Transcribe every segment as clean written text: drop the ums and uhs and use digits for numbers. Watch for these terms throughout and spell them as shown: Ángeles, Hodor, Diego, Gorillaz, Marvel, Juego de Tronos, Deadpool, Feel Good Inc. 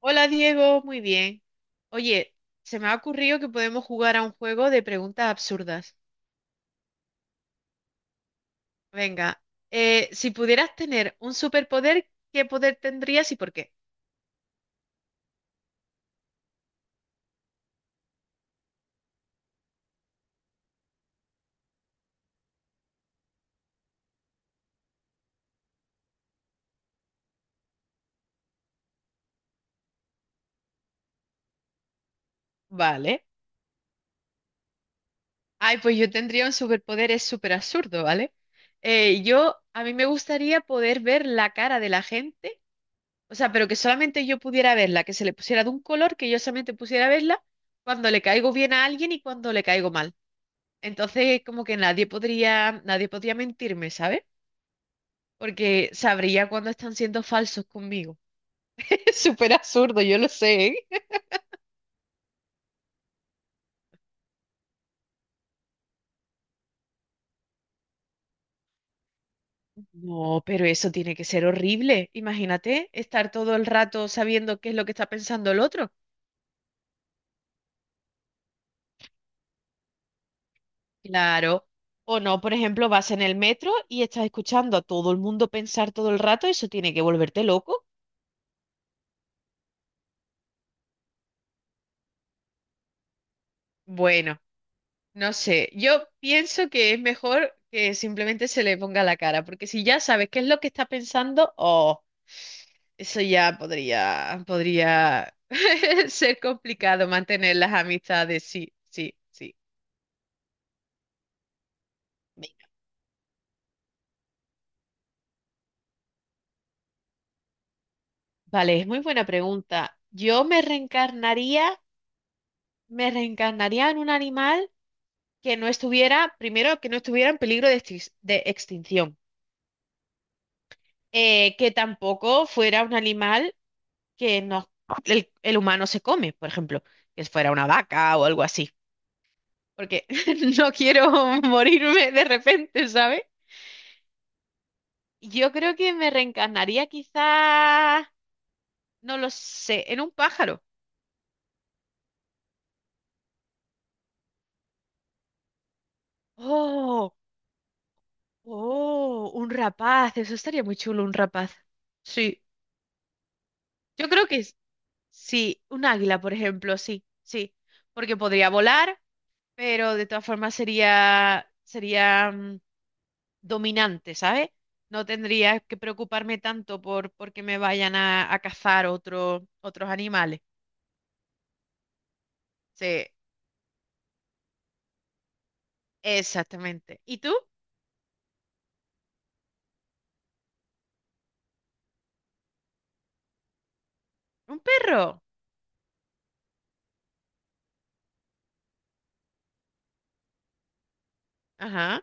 Hola Diego, muy bien. Oye, se me ha ocurrido que podemos jugar a un juego de preguntas absurdas. Venga, si pudieras tener un superpoder, ¿qué poder tendrías y por qué? Vale. Ay, pues yo tendría un superpoder, es súper absurdo, ¿vale? A mí me gustaría poder ver la cara de la gente, o sea, pero que solamente yo pudiera verla, que se le pusiera de un color, que yo solamente pudiera verla cuando le caigo bien a alguien y cuando le caigo mal. Entonces, como que nadie podría mentirme, ¿sabes? Porque sabría cuando están siendo falsos conmigo. Es súper absurdo, yo lo sé, ¿eh? No, pero eso tiene que ser horrible. Imagínate estar todo el rato sabiendo qué es lo que está pensando el otro. Claro. O no, por ejemplo, vas en el metro y estás escuchando a todo el mundo pensar todo el rato, eso tiene que volverte loco. Bueno, no sé, yo pienso que es mejor que simplemente se le ponga la cara, porque si ya sabes qué es lo que está pensando, oh. Eso ya podría ser complicado mantener las amistades, sí, sí, sí. Venga. Vale, es muy buena pregunta. Me reencarnaría en un animal que primero, que no estuviera en peligro de, de extinción. Que tampoco fuera un animal que no, el humano se come, por ejemplo, que fuera una vaca o algo así, porque no quiero morirme de repente, ¿sabes? Yo creo que me reencarnaría quizás, no lo sé, en un pájaro. Oh, oh, un rapaz, eso estaría muy chulo, un rapaz. Sí, yo creo que sí, un águila, por ejemplo, sí, sí, porque podría volar, pero de todas formas sería dominante, ¿sabes? No tendría que preocuparme tanto por porque me vayan a cazar otros animales. Sí, exactamente. ¿Y tú? ¿Un perro? Ajá.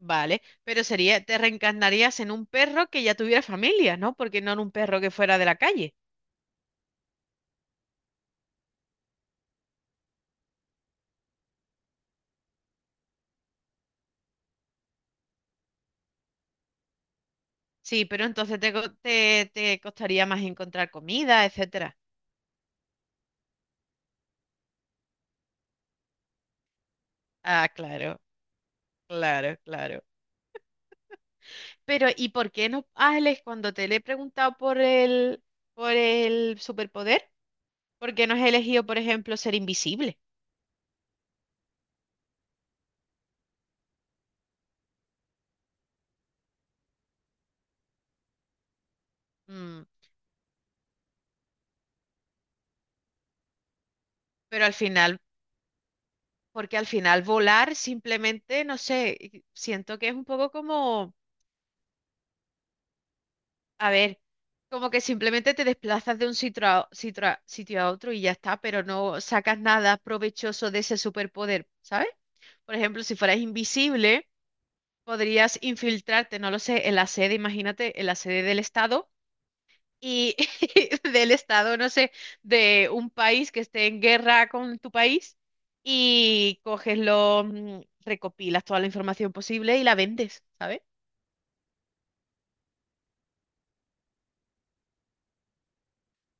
Vale, pero sería, te reencarnarías en un perro que ya tuviera familia, ¿no? Porque no en un perro que fuera de la calle. Sí, pero entonces te costaría más encontrar comida, etcétera. Ah, claro, claro, claro. Pero, ¿y por qué no, Ángeles, cuando te le he preguntado por por el superpoder, por qué no has elegido, por ejemplo, ser invisible? Mm, pero al final, porque al final volar simplemente, no sé, siento que es un poco como... A ver, como que simplemente te desplazas de un sitio a otro y ya está, pero no sacas nada provechoso de ese superpoder, ¿sabes? Por ejemplo, si fueras invisible, podrías infiltrarte, no lo sé, en la sede, imagínate, en la sede del Estado y del Estado, no sé, de un país que esté en guerra con tu país y coges lo, mm, recopilas toda la información posible y la vendes, ¿sabes?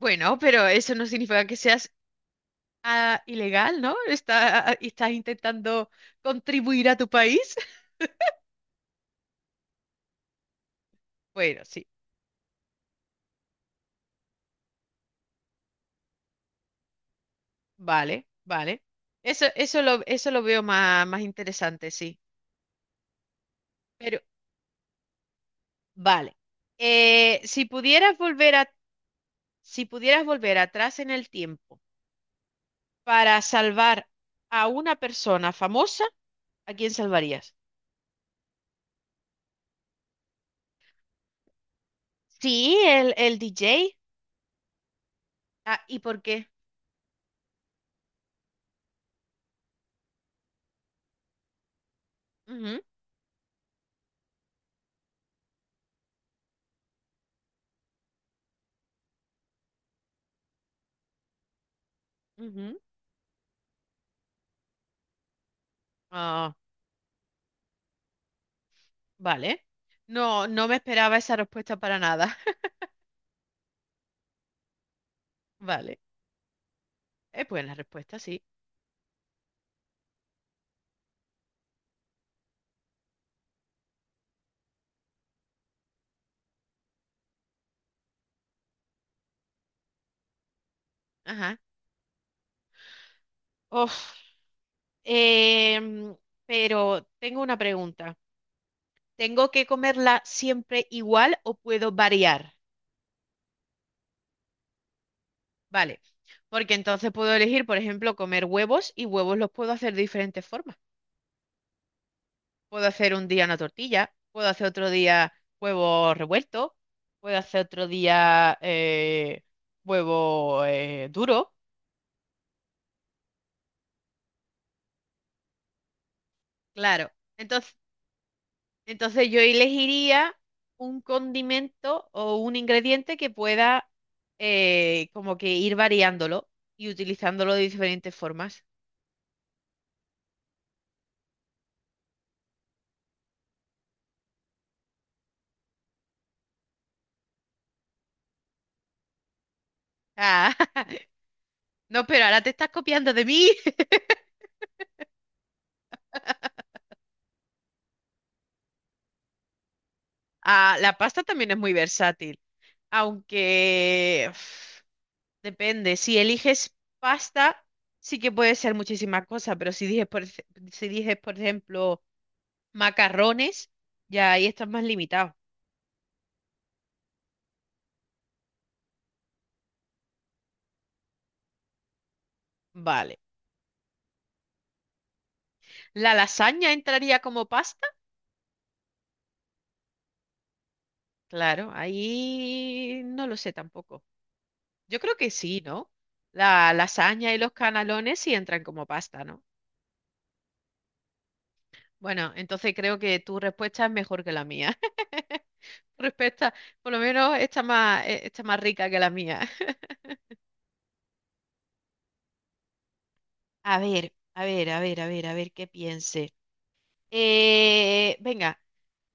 Bueno, pero eso no significa que seas ah, ilegal, ¿no? Estás intentando contribuir a tu país. Bueno, sí, vale, vale. Eso, eso lo veo más, más interesante, sí. Pero, vale. Eh, si pudieras volver a, si pudieras volver atrás en el tiempo para salvar a una persona famosa, ¿a quién salvarías? Sí, el DJ. Ah, ¿y por qué? Ujú, ujú. Ah, vale. No, no me esperaba esa respuesta para nada. Vale. Es buena respuesta, sí. Ajá. Uf, em, pero tengo una pregunta. ¿Tengo que comerla siempre igual o puedo variar? Vale, porque entonces puedo elegir, por ejemplo, comer huevos y huevos los puedo hacer de diferentes formas. Puedo hacer un día una tortilla, puedo hacer otro día huevos revueltos, puedo hacer otro día huevo duro. Claro. Entonces. Entonces yo elegiría un condimento o un ingrediente que pueda como que ir variándolo y utilizándolo de diferentes formas. Ah, no, pero ahora te estás copiando de mí. Ah, la pasta también es muy versátil, aunque uf, depende. Si eliges pasta, sí que puede ser muchísimas cosas, pero si dices, si dices, por ejemplo, macarrones, ya ahí estás más limitado. Vale. ¿La lasaña entraría como pasta? Claro, ahí no lo sé tampoco. Yo creo que sí, ¿no? La lasaña y los canelones sí entran como pasta, ¿no? Bueno, entonces creo que tu respuesta es mejor que la mía. Tu respuesta, por lo menos está más rica que la mía. A ver, a ver, a ver, a ver, a ver qué piense. Venga,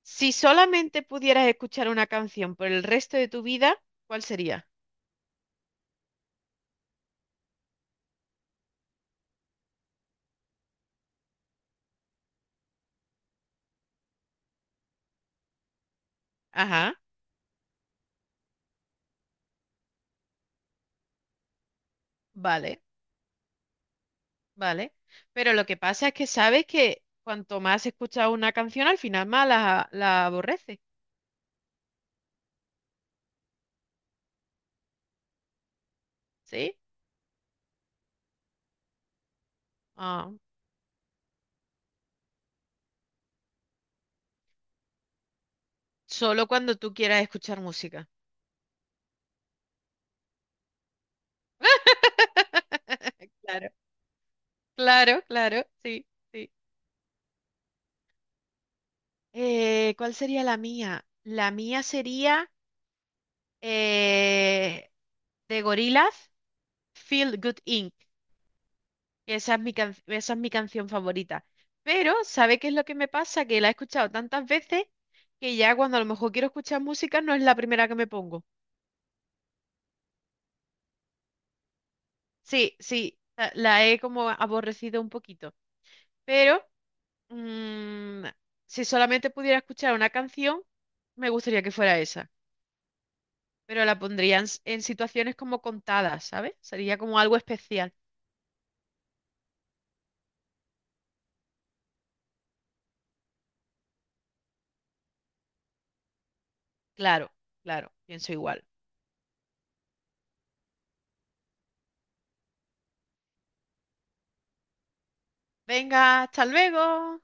si solamente pudieras escuchar una canción por el resto de tu vida, ¿cuál sería? Ajá, vale. Vale, pero lo que pasa es que sabes que cuanto más escuchas una canción, al final más la aborreces, ¿sí? Ah, solo cuando tú quieras escuchar música. Claro, claro, claro, sí, sí. ¿Cuál sería la mía? La mía sería eh, de Gorillaz, Feel Good Inc. Esa es mi esa es mi canción favorita. Pero, ¿sabe qué es lo que me pasa? Que la he escuchado tantas veces que ya cuando a lo mejor quiero escuchar música no es la primera que me pongo. Sí, sí, la he como aborrecido un poquito. Pero, mm, si solamente pudiera escuchar una canción, me gustaría que fuera esa. Pero la pondría en, en situaciones como contadas, ¿sabes? Sería como algo especial. Claro, claro, pienso igual. Venga, hasta luego.